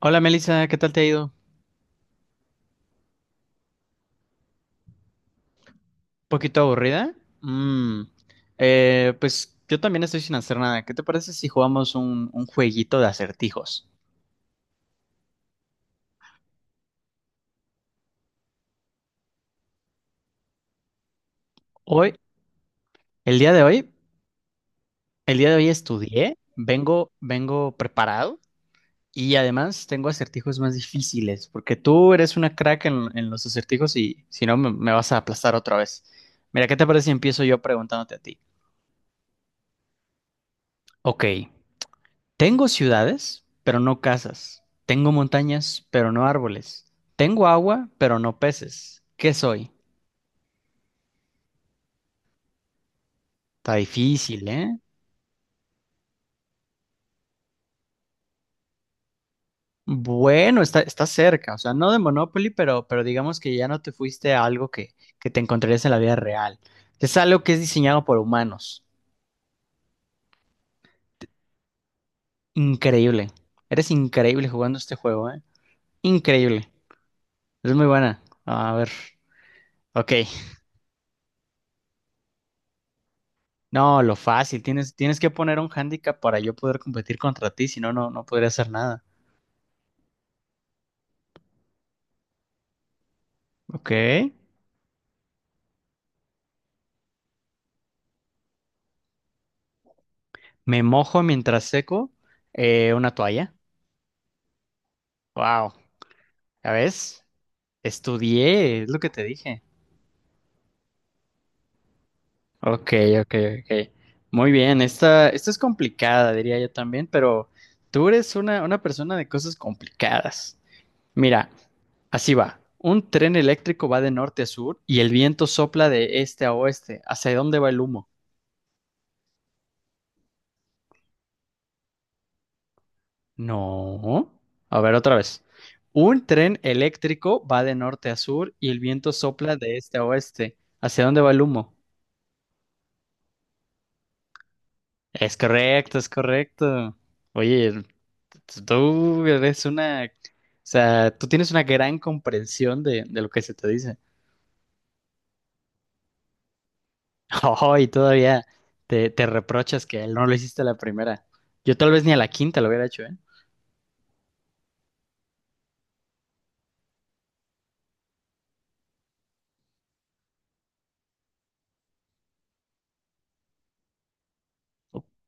Hola Melissa, ¿qué tal te ha ido? ¿Poquito aburrida? Mm, pues yo también estoy sin hacer nada. ¿Qué te parece si jugamos un jueguito de acertijos? Hoy, el día de hoy, el día de hoy estudié, vengo preparado y además tengo acertijos más difíciles, porque tú eres una crack en los acertijos y si no me vas a aplastar otra vez. Mira, ¿qué te parece si empiezo yo preguntándote a ti? Ok. Tengo ciudades, pero no casas. Tengo montañas, pero no árboles. Tengo agua, pero no peces. ¿Qué soy? Está difícil, ¿eh? Bueno, está cerca, o sea, no de Monopoly, pero digamos que ya no te fuiste a algo que te encontrarías en la vida real. Es algo que es diseñado por humanos. Increíble. Eres increíble jugando este juego, ¿eh? Increíble. Es muy buena. A ver. Ok. No, lo fácil, tienes que poner un hándicap para yo poder competir contra ti, si no, no podría hacer nada. Ok. Me mojo mientras seco, una toalla. Wow. ¿Ya ves? Estudié, es lo que te dije. Ok, ok, ok. Muy bien, esta es complicada, diría yo también, pero tú eres una persona de cosas complicadas. Mira, así va. Un tren eléctrico va de norte a sur y el viento sopla de este a oeste. ¿Hacia dónde va el humo? No. A ver, otra vez. Un tren eléctrico va de norte a sur y el viento sopla de este a oeste. ¿Hacia dónde va el humo? Es correcto, es correcto. Oye, tú eres una... O sea, tú tienes una gran comprensión de lo que se te dice. Oh, y todavía te reprochas que no lo hiciste a la primera. Yo tal vez ni a la quinta lo hubiera hecho, ¿eh?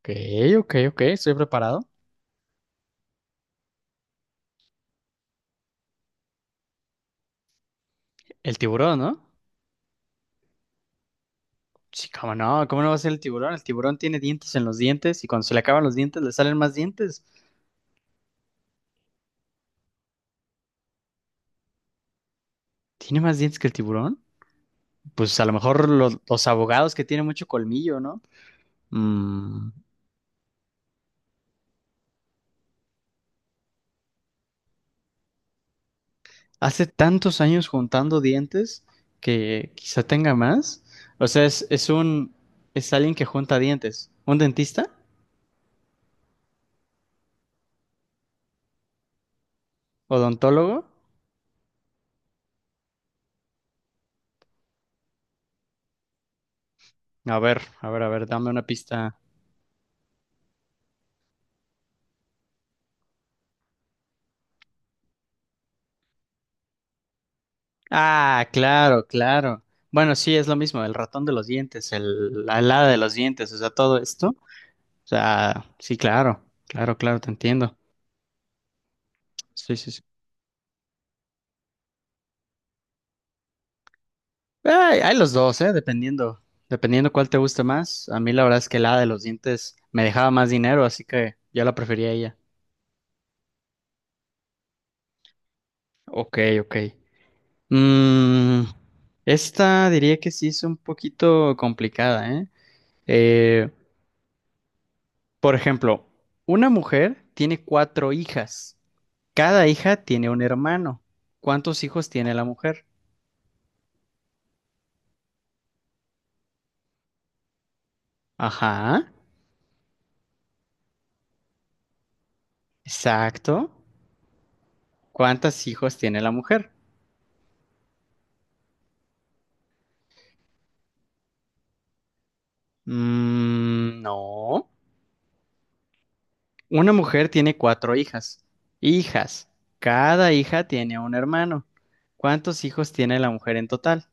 Ok, ok, ok, estoy preparado. El tiburón, ¿no? Sí, ¿cómo no va a ser el tiburón? El tiburón tiene dientes en los dientes y cuando se le acaban los dientes le salen más dientes. ¿Tiene más dientes que el tiburón? Pues a lo mejor los abogados que tienen mucho colmillo, ¿no? Mm, hace tantos años juntando dientes que quizá tenga más. O sea, es alguien que junta dientes. ¿Un dentista? ¿Odontólogo? A ver, a ver, a ver, dame una pista. Ah, claro, claro. Bueno, sí, es lo mismo, el ratón de los dientes, la helada de los dientes, o sea, todo esto. O sea, sí, claro, claro, claro, te entiendo. Sí, sí, sí. Ay, hay los dos, ¿eh? Dependiendo cuál te guste más. A mí la verdad es que la helada de los dientes me dejaba más dinero, así que yo la prefería a ella. Ok, ok. Mm, esta diría que sí es un poquito complicada, ¿eh? Eh, Por ejemplo, una mujer tiene cuatro hijas. Cada hija tiene un hermano. ¿Cuántos hijos tiene la mujer? Ajá, exacto. ¿Cuántos hijos tiene la mujer? Mm, no. Una mujer tiene cuatro hijas. Hijas. Cada hija tiene un hermano. ¿Cuántos hijos tiene la mujer en total?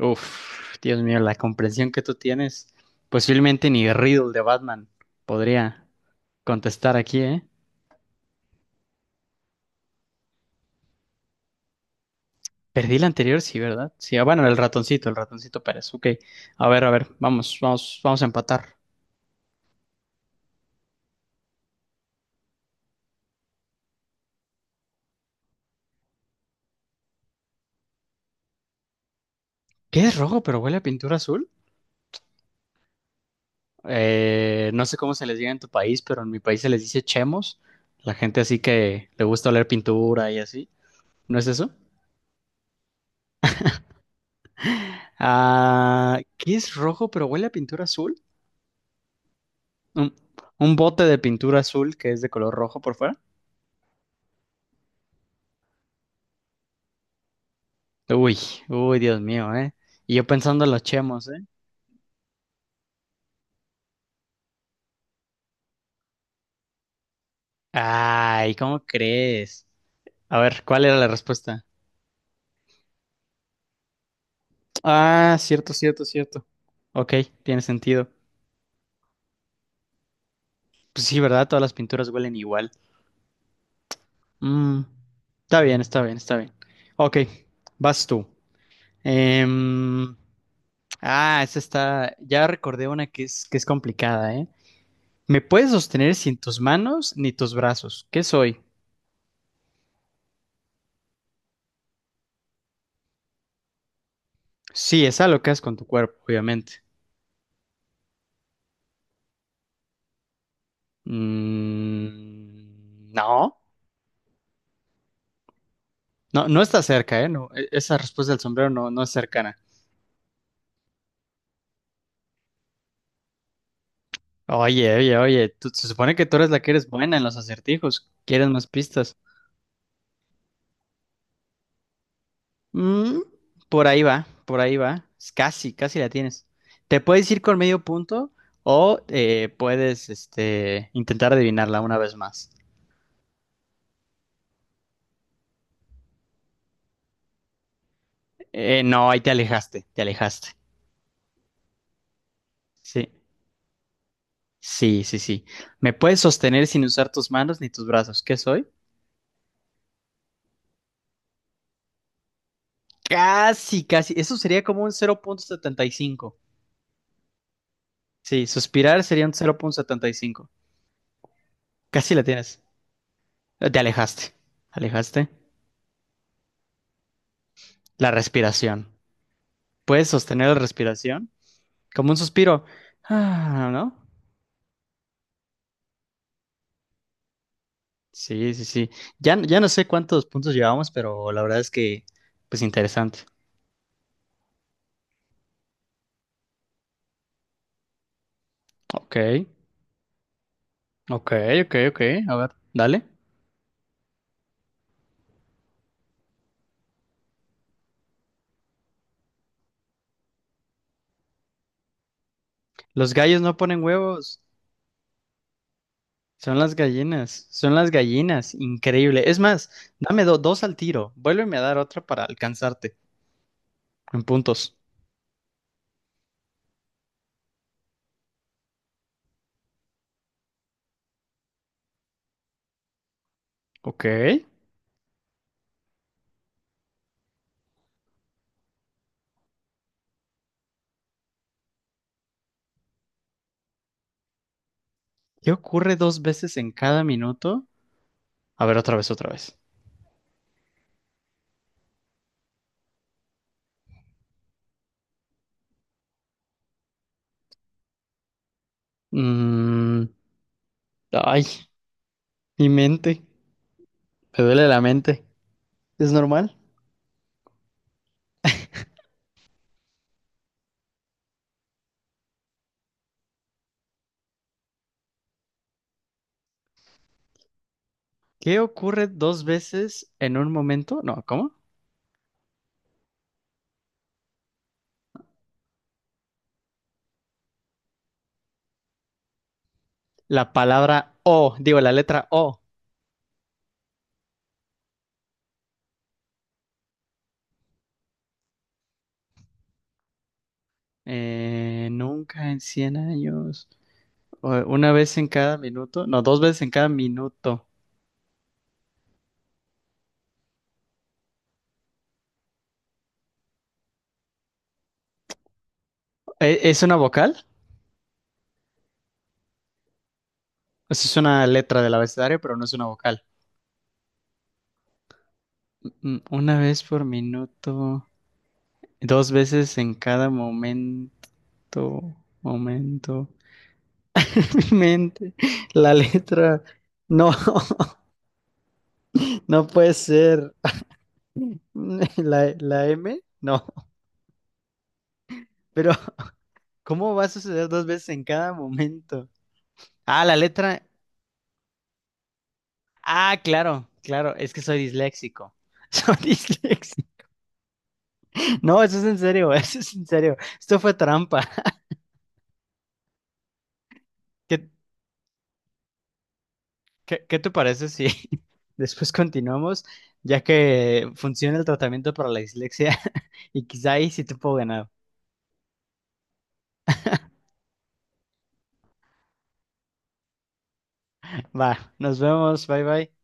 Uf, Dios mío, la comprensión que tú tienes. Posiblemente ni Riddle de Batman podría contestar aquí, ¿eh? Perdí la anterior, sí, ¿verdad? Sí, ah, bueno, el ratoncito, Pérez. Ok. A ver, vamos, vamos, vamos a empatar. ¿Qué es rojo pero huele a pintura azul? No sé cómo se les diga en tu país, pero en mi país se les dice chemos. La gente así que le gusta oler pintura y así. ¿No es eso? Ah, ¿qué es rojo pero huele a pintura azul? Un, un bote de pintura azul que es de color rojo por fuera. Uy, uy, Dios mío, ¿eh? Y yo pensando en los chemos, ¿eh? Ay, ¿cómo crees? A ver, ¿cuál era la respuesta? Ah, cierto, cierto, cierto. Ok, tiene sentido. Pues sí, ¿verdad? Todas las pinturas huelen igual. Mm, está bien, está bien, está bien. Ok, vas tú. Em, ah, esa está. Ya recordé una que es complicada, ¿eh? Me puedes sostener sin tus manos ni tus brazos. ¿Qué soy? Sí, es algo que haces con tu cuerpo, obviamente. No, no está cerca, ¿eh? No, esa respuesta del sombrero no es cercana. Oye, oye, oye, se supone que tú eres la que eres buena en los acertijos. ¿Quieres más pistas? Mm, por ahí va, por ahí va. Es Casi, casi la tienes. Te puedes ir con medio punto o puedes intentar adivinarla una vez más. No, ahí te alejaste, te alejaste. Sí, sí, sí, sí. Me puedes sostener sin usar tus manos ni tus brazos. ¿Qué soy? Casi, casi. Eso sería como un 0,75. Sí, suspirar sería un 0,75. Casi la tienes. Te alejaste, alejaste. La respiración. Puedes sostener la respiración como un suspiro. Ah, ¿no? Sí, sí, sí. Ya, ya no sé cuántos puntos llevamos, pero la verdad es que, pues interesante. Ok, ok, ok, ok. A ver, dale. Los gallos no ponen huevos. Son las gallinas, son las gallinas. Increíble. Es más, dame dos al tiro. Vuélveme a dar otra para alcanzarte en puntos. Ok. ¿Qué ocurre dos veces en cada minuto? A ver, otra vez, otra vez. Mm, ay, mi mente. Me duele la mente. ¿Es normal? ¿Qué ocurre dos veces en un momento? No, ¿cómo? La palabra O, digo, la letra O. Nunca en 100 años. Una vez en cada minuto. No, dos veces en cada minuto. ¿Es una vocal? Pues es una letra del abecedario, pero no es una vocal. Una vez por minuto. Dos veces en cada momento. Momento. Mente, la letra, no, no puede ser la M, no, pero ¿cómo va a suceder dos veces en cada momento? Ah, la letra, ah, claro, claro, es que soy disléxico, soy disléxico, no, eso es en serio, eso es en serio, esto fue trampa, ¿qué, qué te parece si después continuamos, ya que funciona el tratamiento para la dislexia y quizá ahí sí te puedo ganar? Va, nos vemos, bye bye.